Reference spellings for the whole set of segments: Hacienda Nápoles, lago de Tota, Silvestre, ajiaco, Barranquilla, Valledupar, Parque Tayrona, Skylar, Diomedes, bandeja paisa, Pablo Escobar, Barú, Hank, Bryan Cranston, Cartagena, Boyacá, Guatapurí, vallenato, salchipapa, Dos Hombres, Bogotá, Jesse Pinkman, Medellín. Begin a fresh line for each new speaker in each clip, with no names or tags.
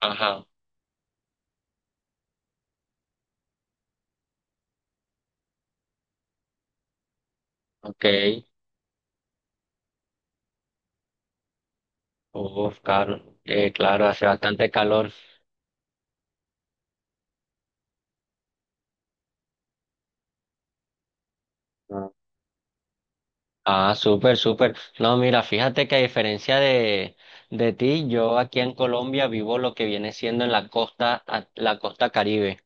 Ajá, ok. Uf, claro, claro, hace bastante calor. Ah, Ah, súper, súper. No, mira, fíjate que a diferencia de ti, yo aquí en Colombia vivo lo que viene siendo en la costa, la costa Caribe.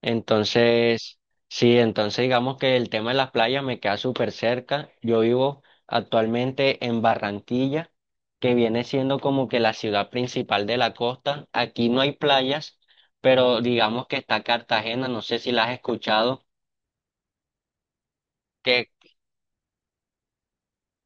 Entonces, sí, entonces digamos que el tema de las playas me queda súper cerca. Yo vivo actualmente en Barranquilla, que viene siendo como que la ciudad principal de la costa. Aquí no hay playas, pero digamos que está Cartagena, no sé si la has escuchado. Que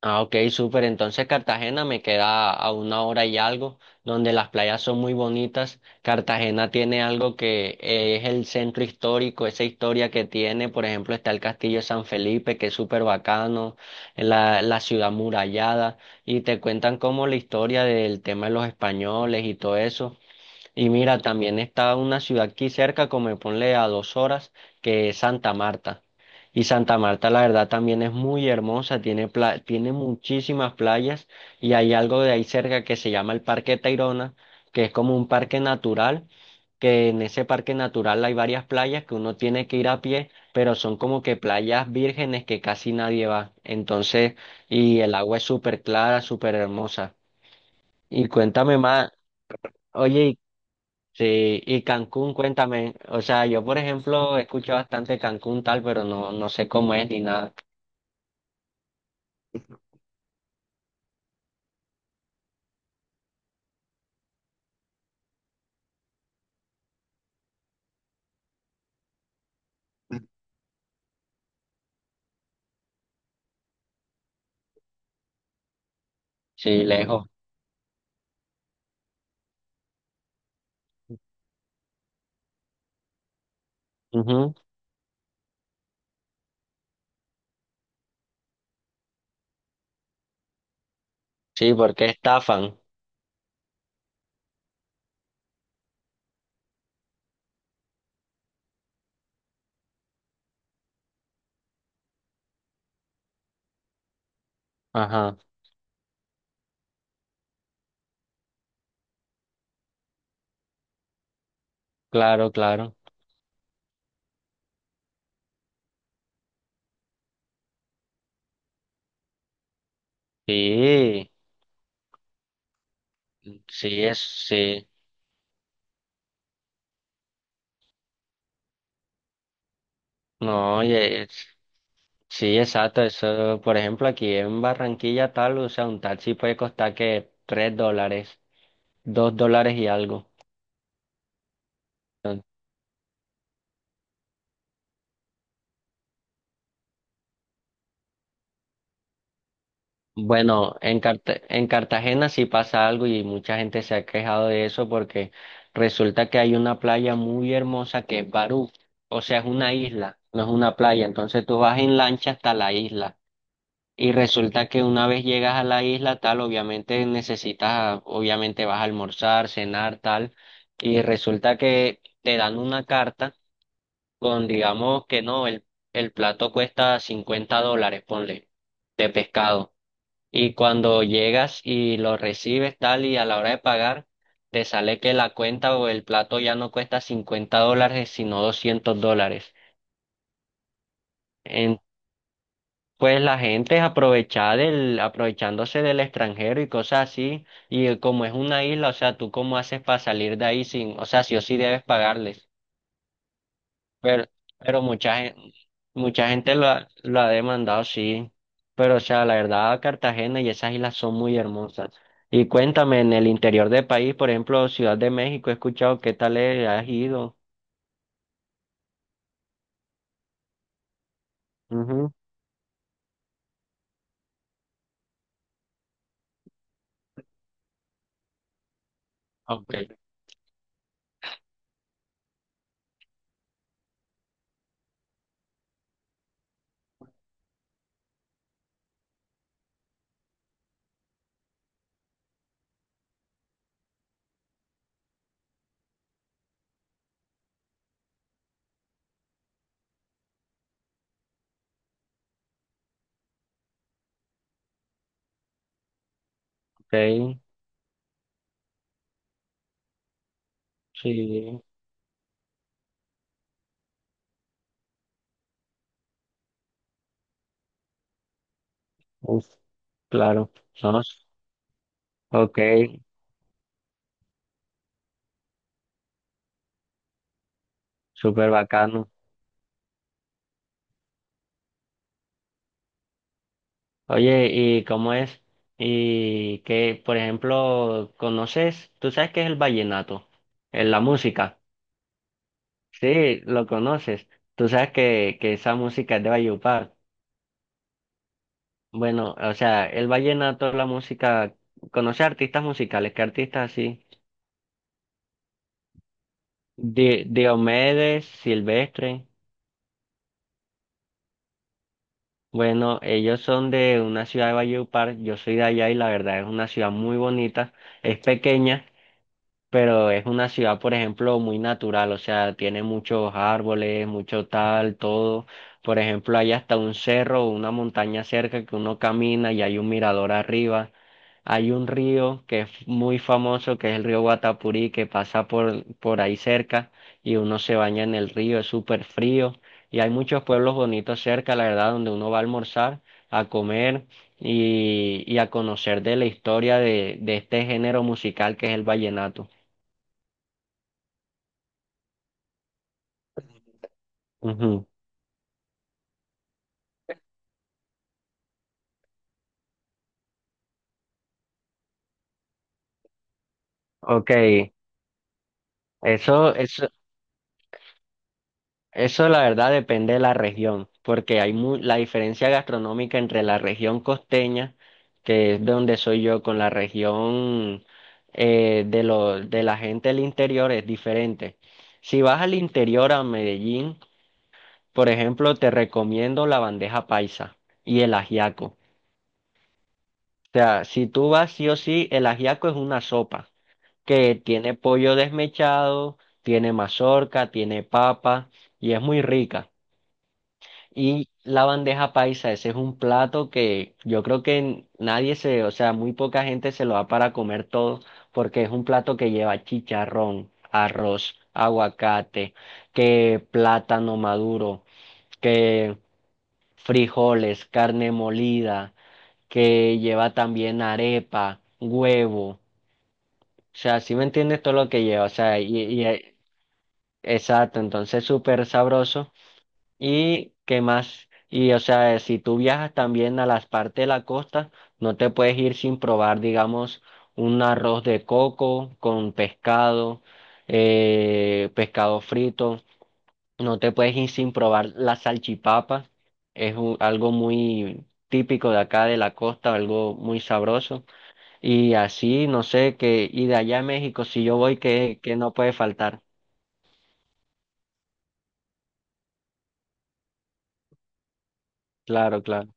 Ah, ok, súper. Entonces Cartagena me queda a una hora y algo, donde las playas son muy bonitas. Cartagena tiene algo que es el centro histórico, esa historia que tiene. Por ejemplo, está el Castillo de San Felipe, que es súper bacano, la ciudad murallada, y te cuentan como la historia del tema de los españoles y todo eso. Y mira, también está una ciudad aquí cerca, como de ponle a 2 horas, que es Santa Marta. Y Santa Marta, la verdad, también es muy hermosa, tiene, tiene muchísimas playas y hay algo de ahí cerca que se llama el Parque Tayrona, que es como un parque natural, que en ese parque natural hay varias playas que uno tiene que ir a pie, pero son como que playas vírgenes que casi nadie va. Entonces, y el agua es súper clara, súper hermosa. Y cuéntame más, oye, sí, y Cancún, cuéntame. O sea, yo por ejemplo escucho bastante Cancún tal, pero no, no sé cómo es ni nada. Sí, lejos. Ujú. Sí, porque estafan. Ajá, claro, claro. Sí, sí, es, sí. No, oye, sí, exacto. Eso, por ejemplo, aquí en Barranquilla tal, o sea, un taxi puede costar que $3, $2 y algo. Bueno, en en Cartagena sí pasa algo y mucha gente se ha quejado de eso porque resulta que hay una playa muy hermosa que es Barú, o sea, es una isla, no es una playa, entonces tú vas en lancha hasta la isla y resulta que una vez llegas a la isla tal, obviamente necesitas, obviamente vas a almorzar, cenar, tal, y resulta que te dan una carta con, digamos que no, el plato cuesta $50, ponle, de pescado. Y cuando llegas y lo recibes tal y a la hora de pagar, te sale que la cuenta o el plato ya no cuesta $50, sino $200. En- pues la gente es aprovechada del, aprovechándose del extranjero y cosas así. Y como es una isla, o sea, ¿tú cómo haces para salir de ahí sin, o sea, sí o sí debes pagarles? Pero, pero, mucha gente lo ha demandado, sí. Pero, o sea, la verdad, Cartagena y esas islas son muy hermosas. Y cuéntame, en el interior del país, por ejemplo, Ciudad de México, he escuchado qué tal es, has ido. Ujú. Ok, ok, sí, uf, claro, no, ok, súper bacano. Oye, ¿y cómo es? Y qué por ejemplo, ¿conoces? ¿Tú sabes qué es el vallenato? La música. Sí, lo conoces. Tú sabes que, esa música es de Valledupar. Bueno, o sea, el vallenato, la música, conoce artistas musicales, ¿qué artistas así? Diomedes, Silvestre. Bueno, ellos son de una ciudad de Valledupar, yo soy de allá y la verdad es una ciudad muy bonita, es pequeña, pero es una ciudad, por ejemplo, muy natural, o sea, tiene muchos árboles, mucho tal, todo. Por ejemplo, hay hasta un cerro o una montaña cerca que uno camina y hay un mirador arriba. Hay un río que es muy famoso, que es el río Guatapurí, que pasa por ahí cerca y uno se baña en el río, es súper frío. Y hay muchos pueblos bonitos cerca, la verdad, donde uno va a almorzar, a comer y a conocer de la historia de este género musical que es el vallenato. Ujú, ok, eso, eso, eso la verdad depende de la región, porque hay la diferencia gastronómica entre la región costeña, que es de donde soy yo, con la región de, lo, de la gente del interior es diferente. Si vas al interior a Medellín, por ejemplo, te recomiendo la bandeja paisa y el ajiaco. O sea, si tú vas sí o sí, el ajiaco es una sopa que tiene pollo desmechado, tiene mazorca, tiene papa y es muy rica. Y la bandeja paisa, ese es un plato que yo creo que nadie se, o sea, muy poca gente se lo da para comer todo porque es un plato que lleva chicharrón, arroz, aguacate, que plátano maduro, que frijoles, carne molida, que lleva también arepa, huevo. O sea, ¿si me entiendes todo lo que lleva? O sea, exacto, entonces súper sabroso. ¿Y qué más? Y o sea, si tú viajas también a las partes de la costa, no te puedes ir sin probar, digamos, un arroz de coco con pescado, pescado frito. No te puedes ir sin probar la salchipapa. Es algo muy típico de acá de la costa, algo muy sabroso. Y así, no sé, que, y de allá a México, si yo voy, que no puede faltar. Claro, claro.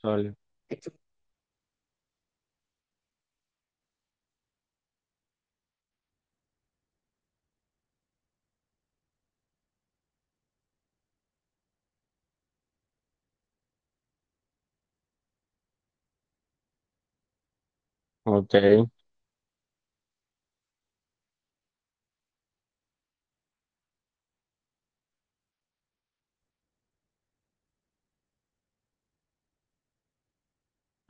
Solo ok,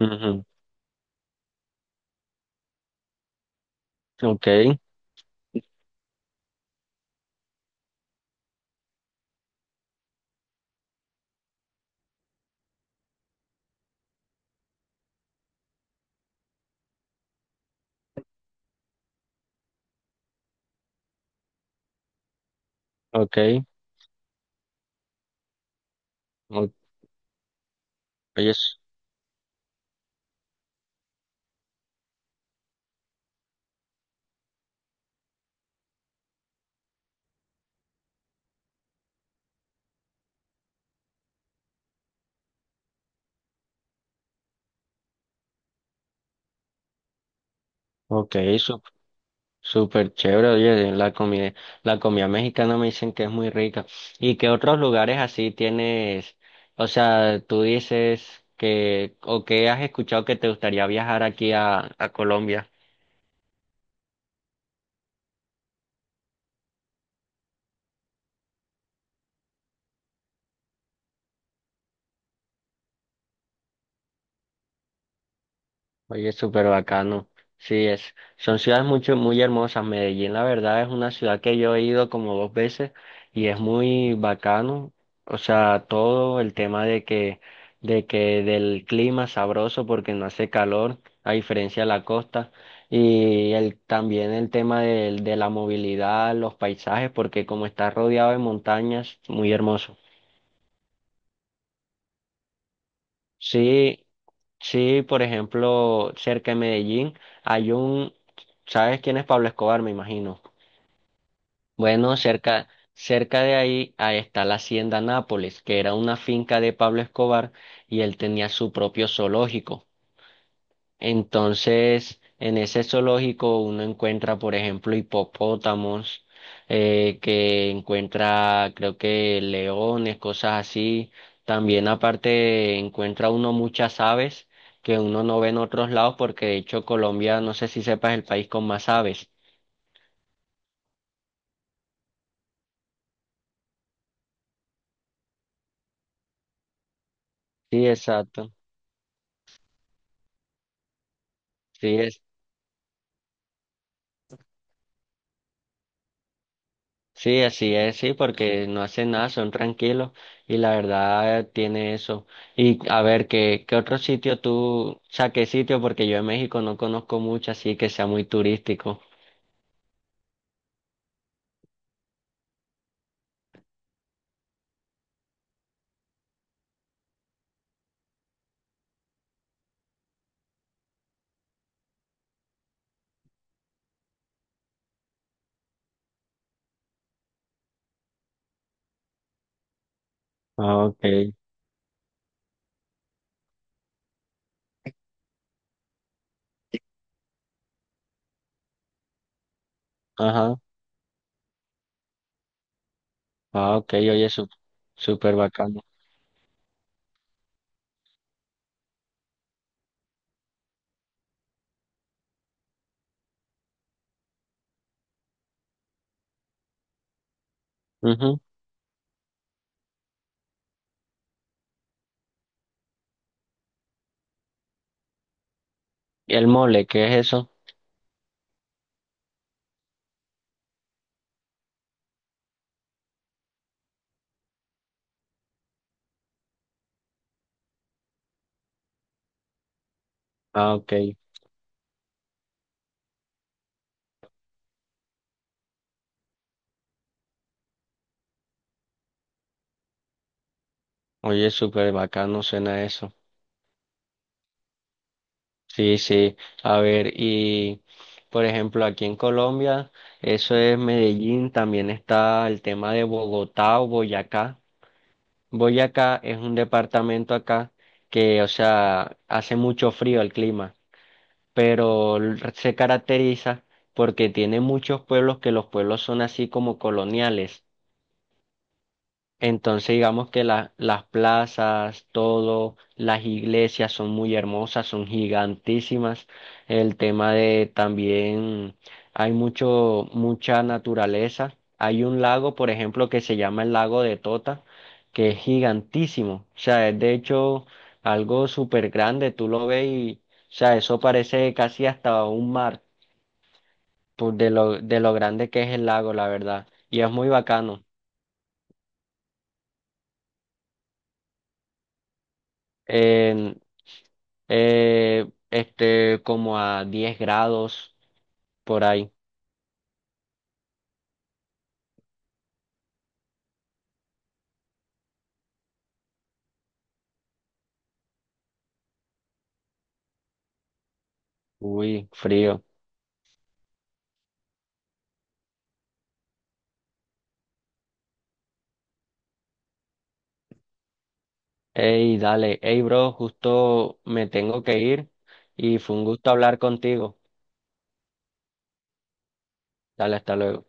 ujú, ok, ok, o- oye, ok, súper chévere, oye, la comida mexicana me dicen que es muy rica. ¿Y qué otros lugares así tienes? O sea, tú dices que, o que has escuchado que te gustaría viajar aquí a Colombia. Oye, súper bacano. Sí, es. Son ciudades mucho, muy hermosas. Medellín, la verdad, es una ciudad que yo he ido como dos veces y es muy bacano. O sea, todo el tema de que del clima sabroso porque no hace calor, a diferencia de la costa. Y el, también el tema de la movilidad, los paisajes, porque como está rodeado de montañas, muy hermoso. Sí. Sí, por ejemplo, cerca de Medellín hay un, ¿sabes quién es Pablo Escobar? Me imagino. Bueno, cerca de ahí, ahí está la Hacienda Nápoles, que era una finca de Pablo Escobar y él tenía su propio zoológico. Entonces, en ese zoológico uno encuentra, por ejemplo, hipopótamos, que encuentra, creo que leones, cosas así. También aparte encuentra uno muchas aves que uno no ve en otros lados porque de hecho Colombia, no sé si sepas, es el país con más aves. Sí, exacto. Sí, Sí, así es, sí, porque no hacen nada, son tranquilos y la verdad tiene eso. Y a ver, ¿qué otro sitio tú, o sea, ¿qué sitio? Porque yo en México no conozco mucho, así que sea muy turístico. Ah, okay, ajá, ah, okay, oye, súper bacano. Ujú. ¿Y el mole, qué es eso? Ah, okay, oye, súper bacano suena eso. Sí, sí, a ver, y... Por ejemplo, aquí en Colombia, eso es Medellín, también está el tema de Bogotá o Boyacá. Boyacá es un departamento acá que, o sea, hace mucho frío el clima, pero se caracteriza porque tiene muchos pueblos que los pueblos son así como coloniales. Entonces digamos que las plazas, todo, las iglesias son muy hermosas, son gigantísimas. El tema de también hay mucha naturaleza. Hay un lago, por ejemplo, que se llama el lago de Tota, que es gigantísimo. O sea, es de hecho algo súper grande. Tú lo ves y, o sea, eso parece casi hasta un mar, por de lo grande que es el lago, la verdad. Y es muy bacano. En, este, como a 10 grados por ahí. Uy, frío. Ey, dale. Ey, bro, justo me tengo que ir y fue un gusto hablar contigo. Dale, hasta luego.